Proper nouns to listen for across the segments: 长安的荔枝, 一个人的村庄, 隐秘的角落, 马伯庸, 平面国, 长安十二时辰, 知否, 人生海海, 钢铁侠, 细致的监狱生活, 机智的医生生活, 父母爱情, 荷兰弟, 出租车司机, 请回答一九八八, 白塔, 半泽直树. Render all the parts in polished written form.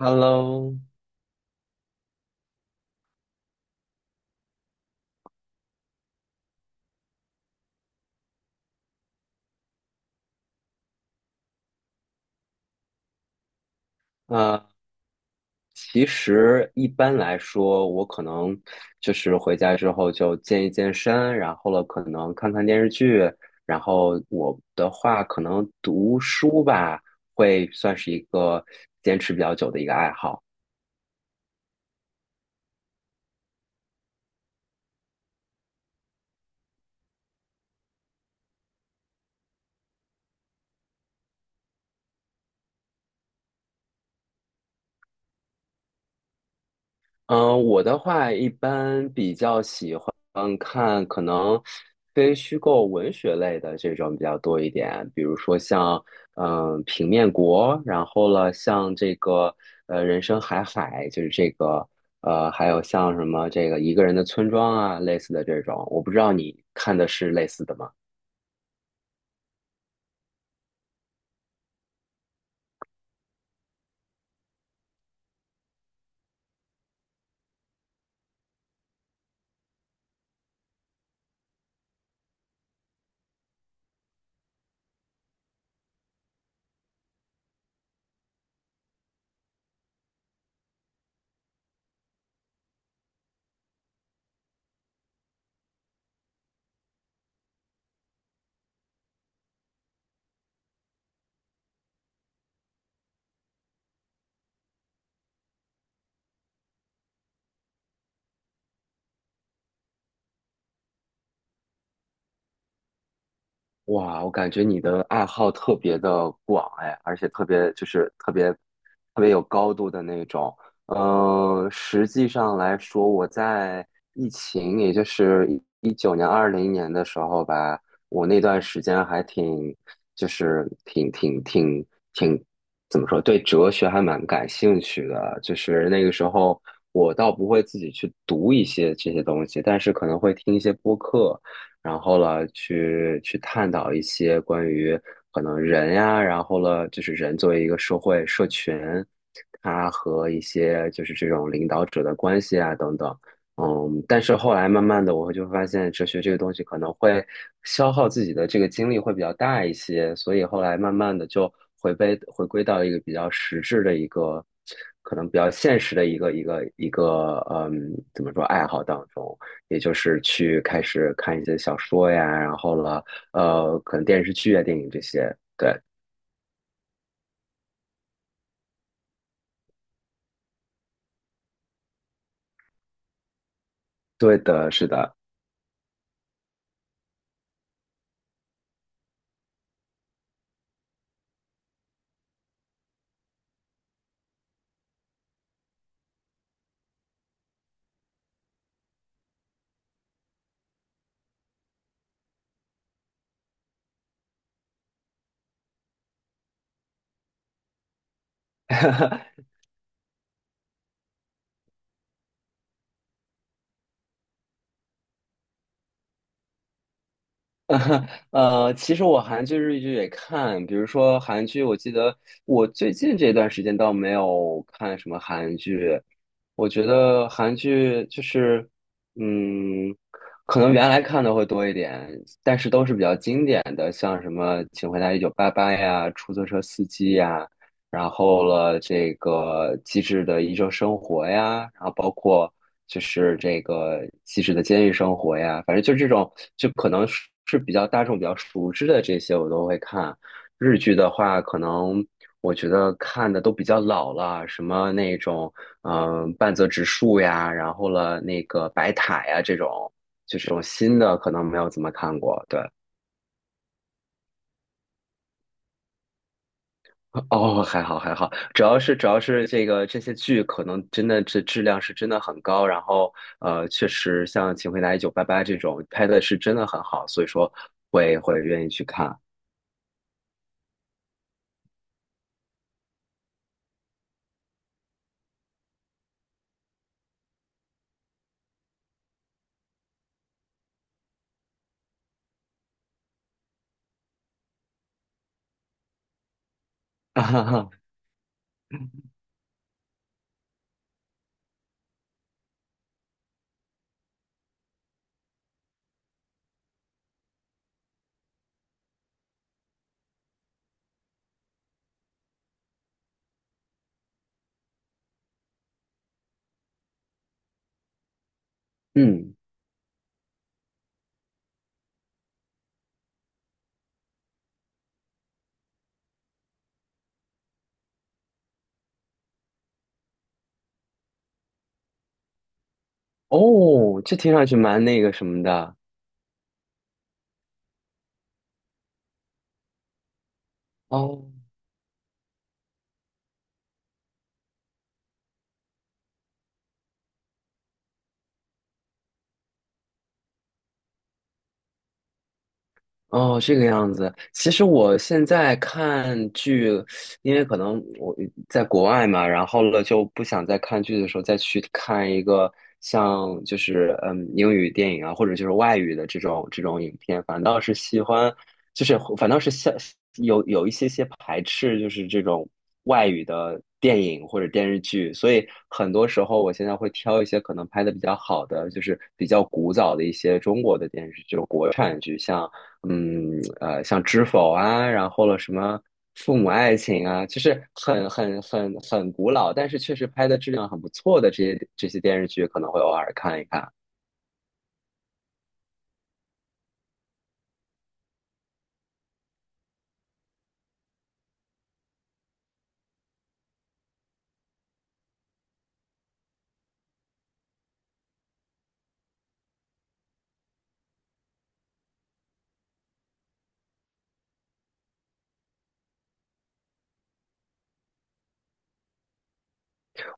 Hello，呃，其实一般来说，我可能就是回家之后就健一健身，然后了可能看看电视剧，然后我的话可能读书吧，会算是一个坚持比较久的一个爱好。我的话一般比较喜欢看可能非虚构文学类的这种比较多一点，比如说像平面国，然后了像这个人生海海，就是这个还有像什么这个一个人的村庄啊类似的这种，我不知道你看的是类似的吗？哇，我感觉你的爱好特别的广哎，而且特别就是特别特别有高度的那种。实际上来说，我在疫情，也就是19年、20年的时候吧，我那段时间还挺，就是挺,怎么说，对哲学还蛮感兴趣的。就是那个时候，我倒不会自己去读一些这些东西，但是可能会听一些播客。然后了去探讨一些关于可能人呀，然后了就是人作为一个社会社群，它和一些就是这种领导者的关系啊等等。嗯，但是后来慢慢的，我会就发现哲学这个东西可能会消耗自己的这个精力会比较大一些，所以后来慢慢的就回归到一个比较实质的一个，可能比较现实的一个一个，怎么说爱好当中。也就是去开始看一些小说呀，然后了，可能电视剧啊、电影这些。对，对的，是的。其实我韩剧、日剧也看，比如说韩剧，我记得我最近这段时间倒没有看什么韩剧。我觉得韩剧就是，嗯，可能原来看的会多一点，但是都是比较经典的，像什么《请回答一九八八》呀，《出租车司机》呀，然后了这个《机智的医生生活》呀，然后包括。就是这个细致的监狱生活呀，反正就这种，就可能是比较大众、比较熟知的这些，我都会看。日剧的话，可能我觉得看的都比较老了，什么那种嗯、半泽直树呀，然后了那个白塔呀这种，就这种新的可能没有怎么看过。对，哦，还好还好，主要是这个这些剧可能真的这质量是真的很高，然后确实像《请回答一九八八》这种拍的是真的很好，所以说会愿意去看。啊哈哈，嗯，哦，这听上去蛮那个什么的哦。哦，这个样子。其实我现在看剧，因为可能我在国外嘛，然后了就不想在看剧的时候再去看一个像就是英语电影啊，或者就是外语的这种这种影片，反倒是喜欢，就是反倒是像有一些些排斥，就是这种外语的电影或者电视剧。所以很多时候我现在会挑一些可能拍的比较好的，就是比较古早的一些中国的电视剧，就是国产剧，像。像《知否》啊，然后了什么《父母爱情》啊，就是很古老，但是确实拍的质量很不错的这些这些电视剧，可能会偶尔看一看。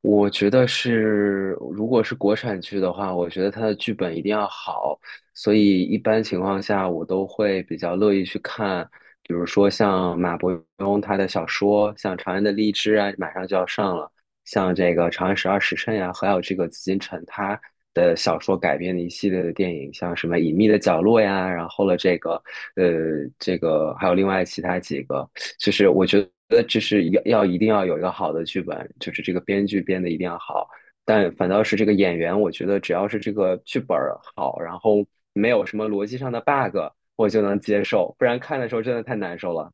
我觉得是，如果是国产剧的话，我觉得它的剧本一定要好，所以一般情况下我都会比较乐意去看，比如说像马伯庸他的小说，像《长安的荔枝》啊，马上就要上了，像这个《长安十二时辰》呀，还有这个紫禁城他的小说改编的一系列的电影，像什么《隐秘的角落》呀，然后了这个，呃，这个还有另外其他几个。就是我觉得这是要一定要有一个好的剧本，就是这个编剧编的一定要好，但反倒是这个演员，我觉得只要是这个剧本儿好，然后没有什么逻辑上的 bug,我就能接受，不然看的时候真的太难受了。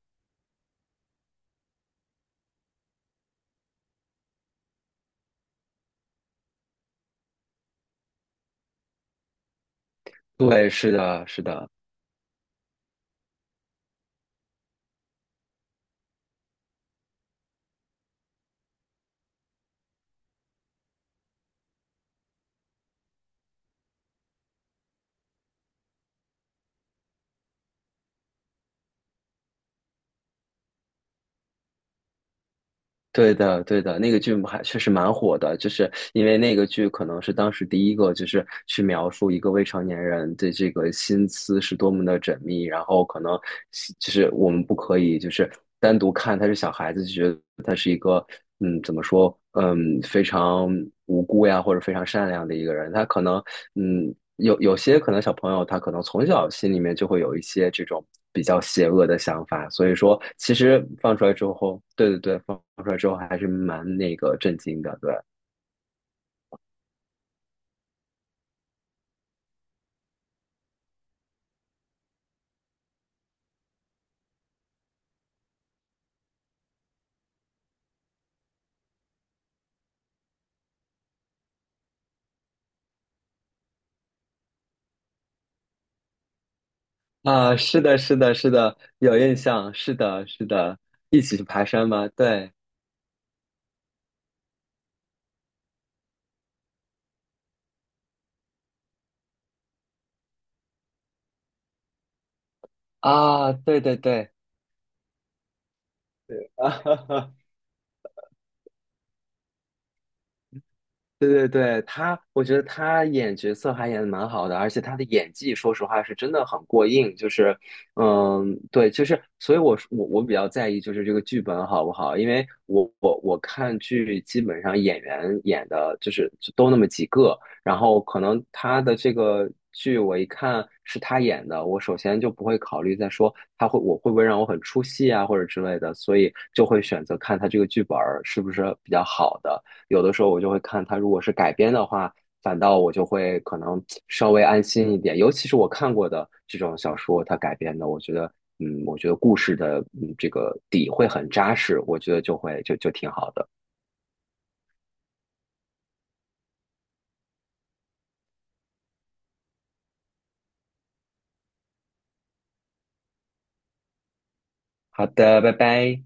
对，是的，是的。对的，对的，那个剧还确实蛮火的，就是因为那个剧可能是当时第一个，就是去描述一个未成年人的这个心思是多么的缜密，然后可能就是我们不可以就是单独看他是小孩子，就觉得他是一个怎么说非常无辜呀，或者非常善良的一个人，他可能有些可能小朋友他可能从小心里面就会有一些这种。比较邪恶的想法，所以说其实放出来之后，对对对，放出来之后还是蛮那个震惊的，对啊，是的，是的，是的，有印象，是的，是的，一起去爬山吗？对啊，对对对，哈哈。对对对，他，我觉得他演角色还演的蛮好的，而且他的演技，说实话是真的很过硬。就是，对，就是，所以我比较在意就是这个剧本好不好，因为我看剧基本上演员演的就是就都那么几个，然后可能他的这个剧我一看是他演的，我首先就不会考虑再说他会我会不会让我很出戏啊或者之类的，所以就会选择看他这个剧本儿是不是比较好的。有的时候我就会看它，如果是改编的话，反倒我就会可能稍微安心一点。尤其是我看过的这种小说，它改编的，我觉得，我觉得故事的，这个底会很扎实，我觉得就会就就挺好的。好的，拜拜。